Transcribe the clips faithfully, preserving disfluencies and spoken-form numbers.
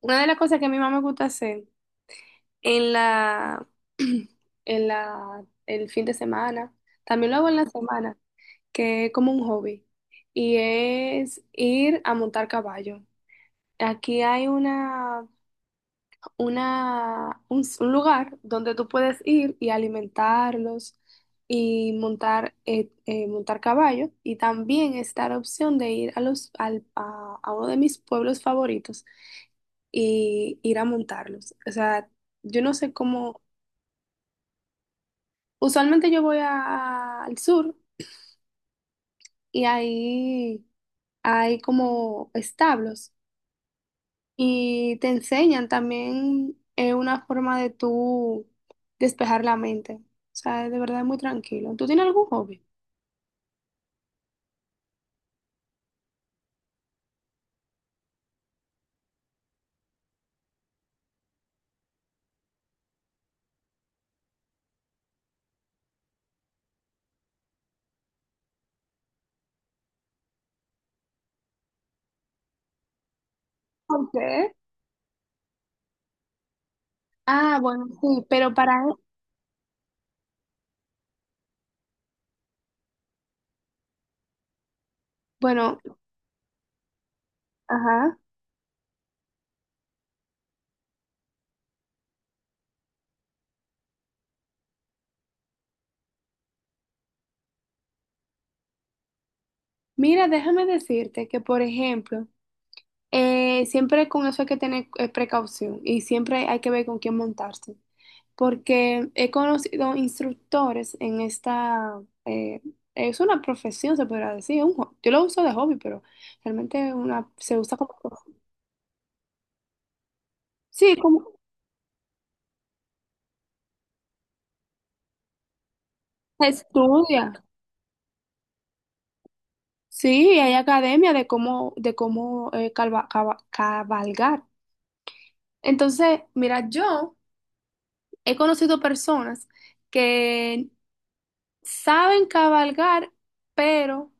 Una de las cosas que a mi mamá me gusta hacer en la, en la, el fin de semana, también lo hago en la semana, que es como un hobby, y es ir a montar caballo. Aquí hay una, una, un, s- un lugar donde tú puedes ir y alimentarlos y montar, eh, eh, montar caballo. Y también está la opción de ir a los, al- a a uno de mis pueblos favoritos y ir a montarlos. O sea, yo no sé cómo, usualmente yo voy a- al sur y ahí hay como establos y te enseñan también eh, una forma de tú despejar la mente. O sea, de verdad es muy tranquilo. ¿Tú tienes algún hobby? ¿Por qué? Ah, bueno, sí, pero para, bueno, ajá. Mira, déjame decirte que, por ejemplo, eh, siempre con eso hay que tener eh, precaución y siempre hay que ver con quién montarse. Porque he conocido instructores en esta, eh, es una profesión, se podría decir, un ho- yo lo uso de hobby, pero realmente una, se usa como, sí, como se estudia, sí, hay academia de cómo, de cómo eh, calva- cava- cabalgar. Entonces, mira, yo he conocido personas que saben cabalgar, pero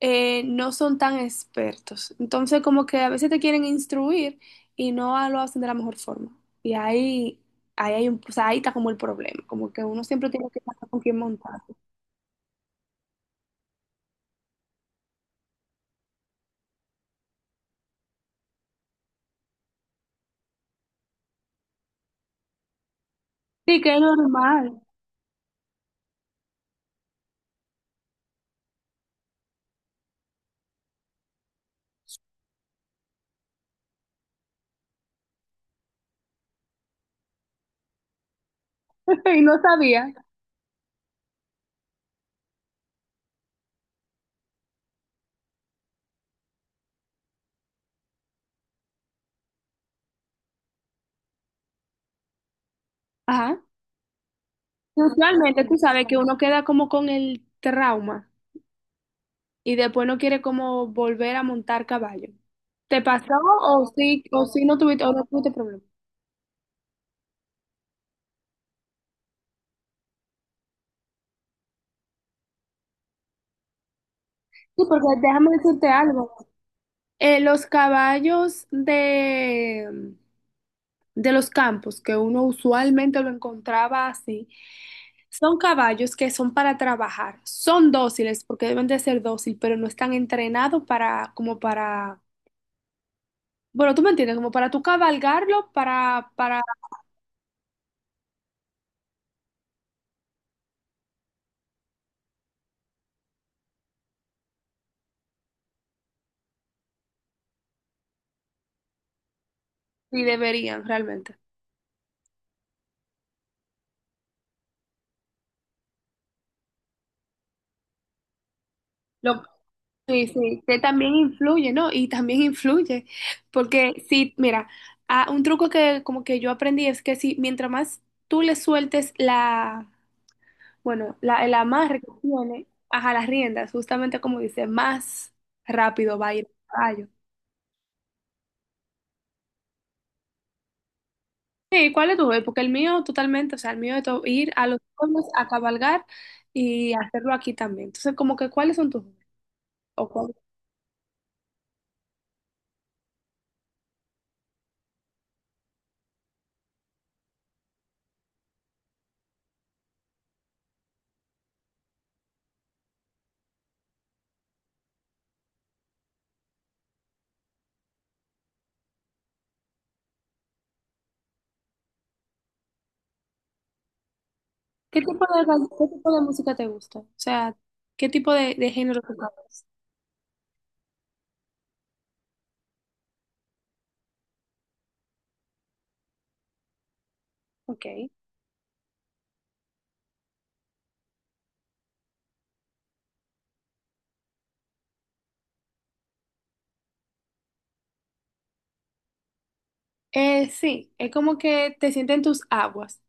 eh, no son tan expertos. Entonces, como que a veces te quieren instruir y no a- lo hacen de la mejor forma. Y ahí, ahí hay un, o sea, ahí está como el problema, como que uno siempre tiene que saber con quién montar. Sí, que es normal. Y no sabía. Ajá. Y usualmente tú sabes que uno queda como con el trauma y después no quiere como volver a montar caballo. ¿Te pasó o sí, o sí no tuviste, o no tuviste problema? Sí, porque déjame decirte algo. Eh, los caballos de, de los campos, que uno usualmente lo encontraba así, son caballos que son para trabajar. Son dóciles porque deben de ser dóciles, pero no están entrenados para, como para, bueno, tú me entiendes, como para tú cabalgarlo, para, para, si deberían realmente. Lo- sí, sí, que también influye, ¿no? Y también influye, porque sí, mira, ah, un truco que como que yo aprendí es que si mientras más tú le sueltes la, bueno, la, el amarre que tiene, ajá, las riendas, justamente como dice, más rápido va a ir el caballo. Sí, ¿cuál es tu hobby? Porque el mío totalmente, o sea, el mío es to- ir a los pueblos a cabalgar y hacerlo aquí también. Entonces, como que, ¿cuáles son tus hobbies? ¿O cuál- qué tipo de, gal- qué tipo de música te gusta? O sea, ¿qué tipo de, de género tocas? Ok. Eh, sí, es como que te sienten tus aguas.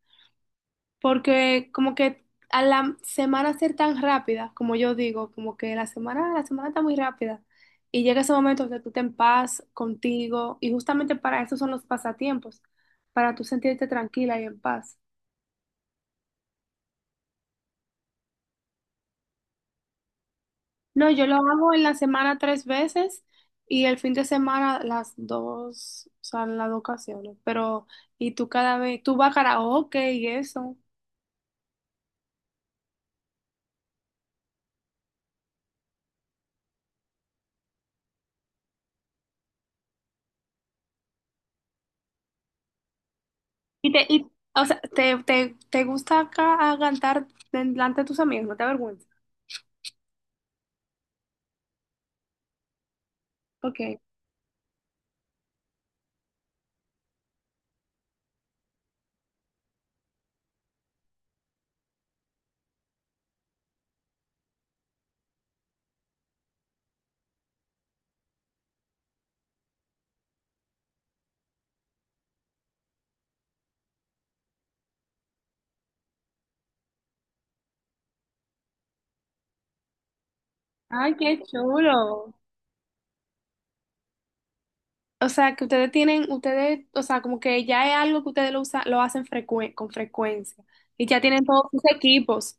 Porque como que a la semana ser tan rápida, como yo digo, como que la semana, la semana está muy rápida. Y llega ese momento donde tú te en paz contigo. Y justamente para eso son los pasatiempos, para tú sentirte tranquila y en paz. No, yo lo hago en la semana tres veces y el fin de semana las dos, o sea, en las dos ocasiones. Pero, y tú cada vez, tú vas a karaoke y eso. Y te, y, o sea, te, te, te gusta ca- cantar delante de tus amigos, no te avergüences. Okay. Ay, qué chulo. O sea, que ustedes tienen, ustedes, o sea, como que ya es algo que ustedes lo usan, lo hacen frecue- con frecuencia. Y ya tienen todos sus equipos.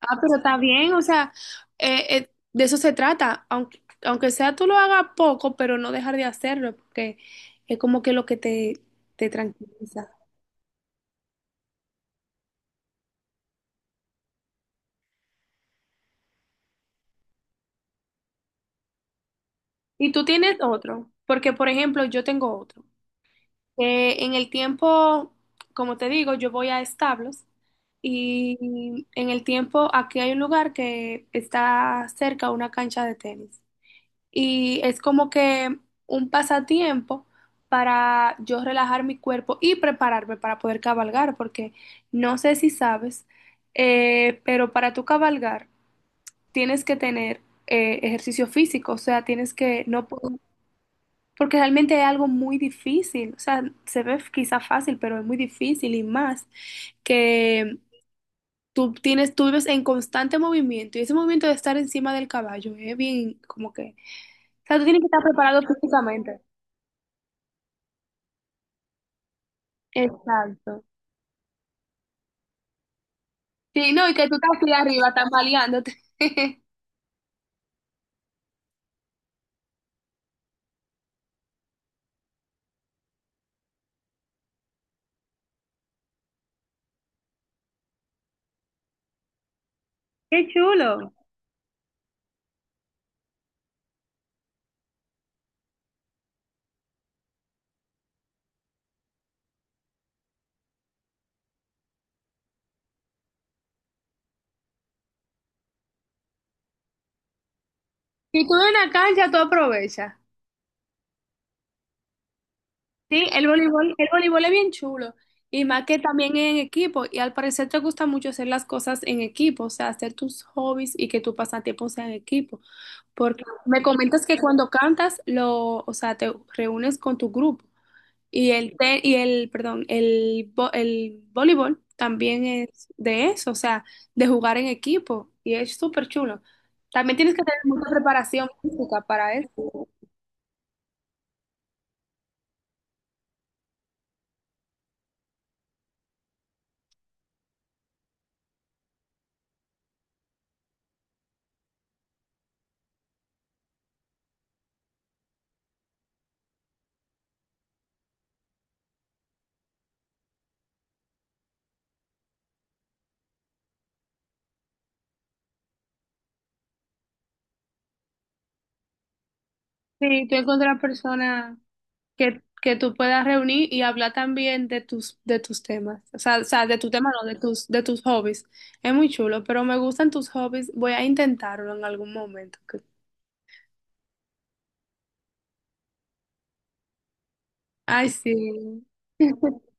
Ah, pero está bien, o sea, eh, eh, de eso se trata. Aunque, aunque sea tú lo hagas poco, pero no dejar de hacerlo, porque es como que lo que te, te tranquiliza. Y tú tienes otro, porque por ejemplo, yo tengo otro. Eh, en el tiempo, como te digo, yo voy a establos y en el tiempo aquí hay un lugar que está cerca a una cancha de tenis y es como que un pasatiempo para yo relajar mi cuerpo y prepararme para poder cabalgar, porque no sé si sabes, eh, pero para tu cabalgar tienes que tener eh, ejercicio físico, o sea, tienes que no puedes porque realmente es algo muy difícil, o sea, se ve quizá fácil, pero es muy difícil y más que tú tienes, tú vives en constante movimiento y ese movimiento de estar encima del caballo es bien como que, o sea, tú tienes que estar preparado físicamente. Exacto. Sí, no, y que tú estás así arriba tambaleándote. Qué chulo. Si tú en una cancha, tú aprovechas. Sí, el voleibol, el voleibol es bien chulo. Y más que también es en equipo. Y al parecer te gusta mucho hacer las cosas en equipo, o sea, hacer tus hobbies y que tu pasatiempo sea en equipo. Porque me comentas que cuando cantas, lo, o sea, te reúnes con tu grupo. Y el, te- y el, perdón, el, vo- el voleibol también es de eso, o sea, de jugar en equipo. Y es súper chulo. También tienes que tener mucha preparación física para eso. Sí, tú encuentras personas que, que tú puedas reunir y hablar también de tus, de tus temas. O sea, o sea, de tu tema, no, de tus, de tus hobbies. Es muy chulo, pero me gustan tus hobbies. Voy a intentarlo en algún momento. Ay, sí.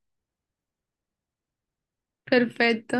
Perfecto.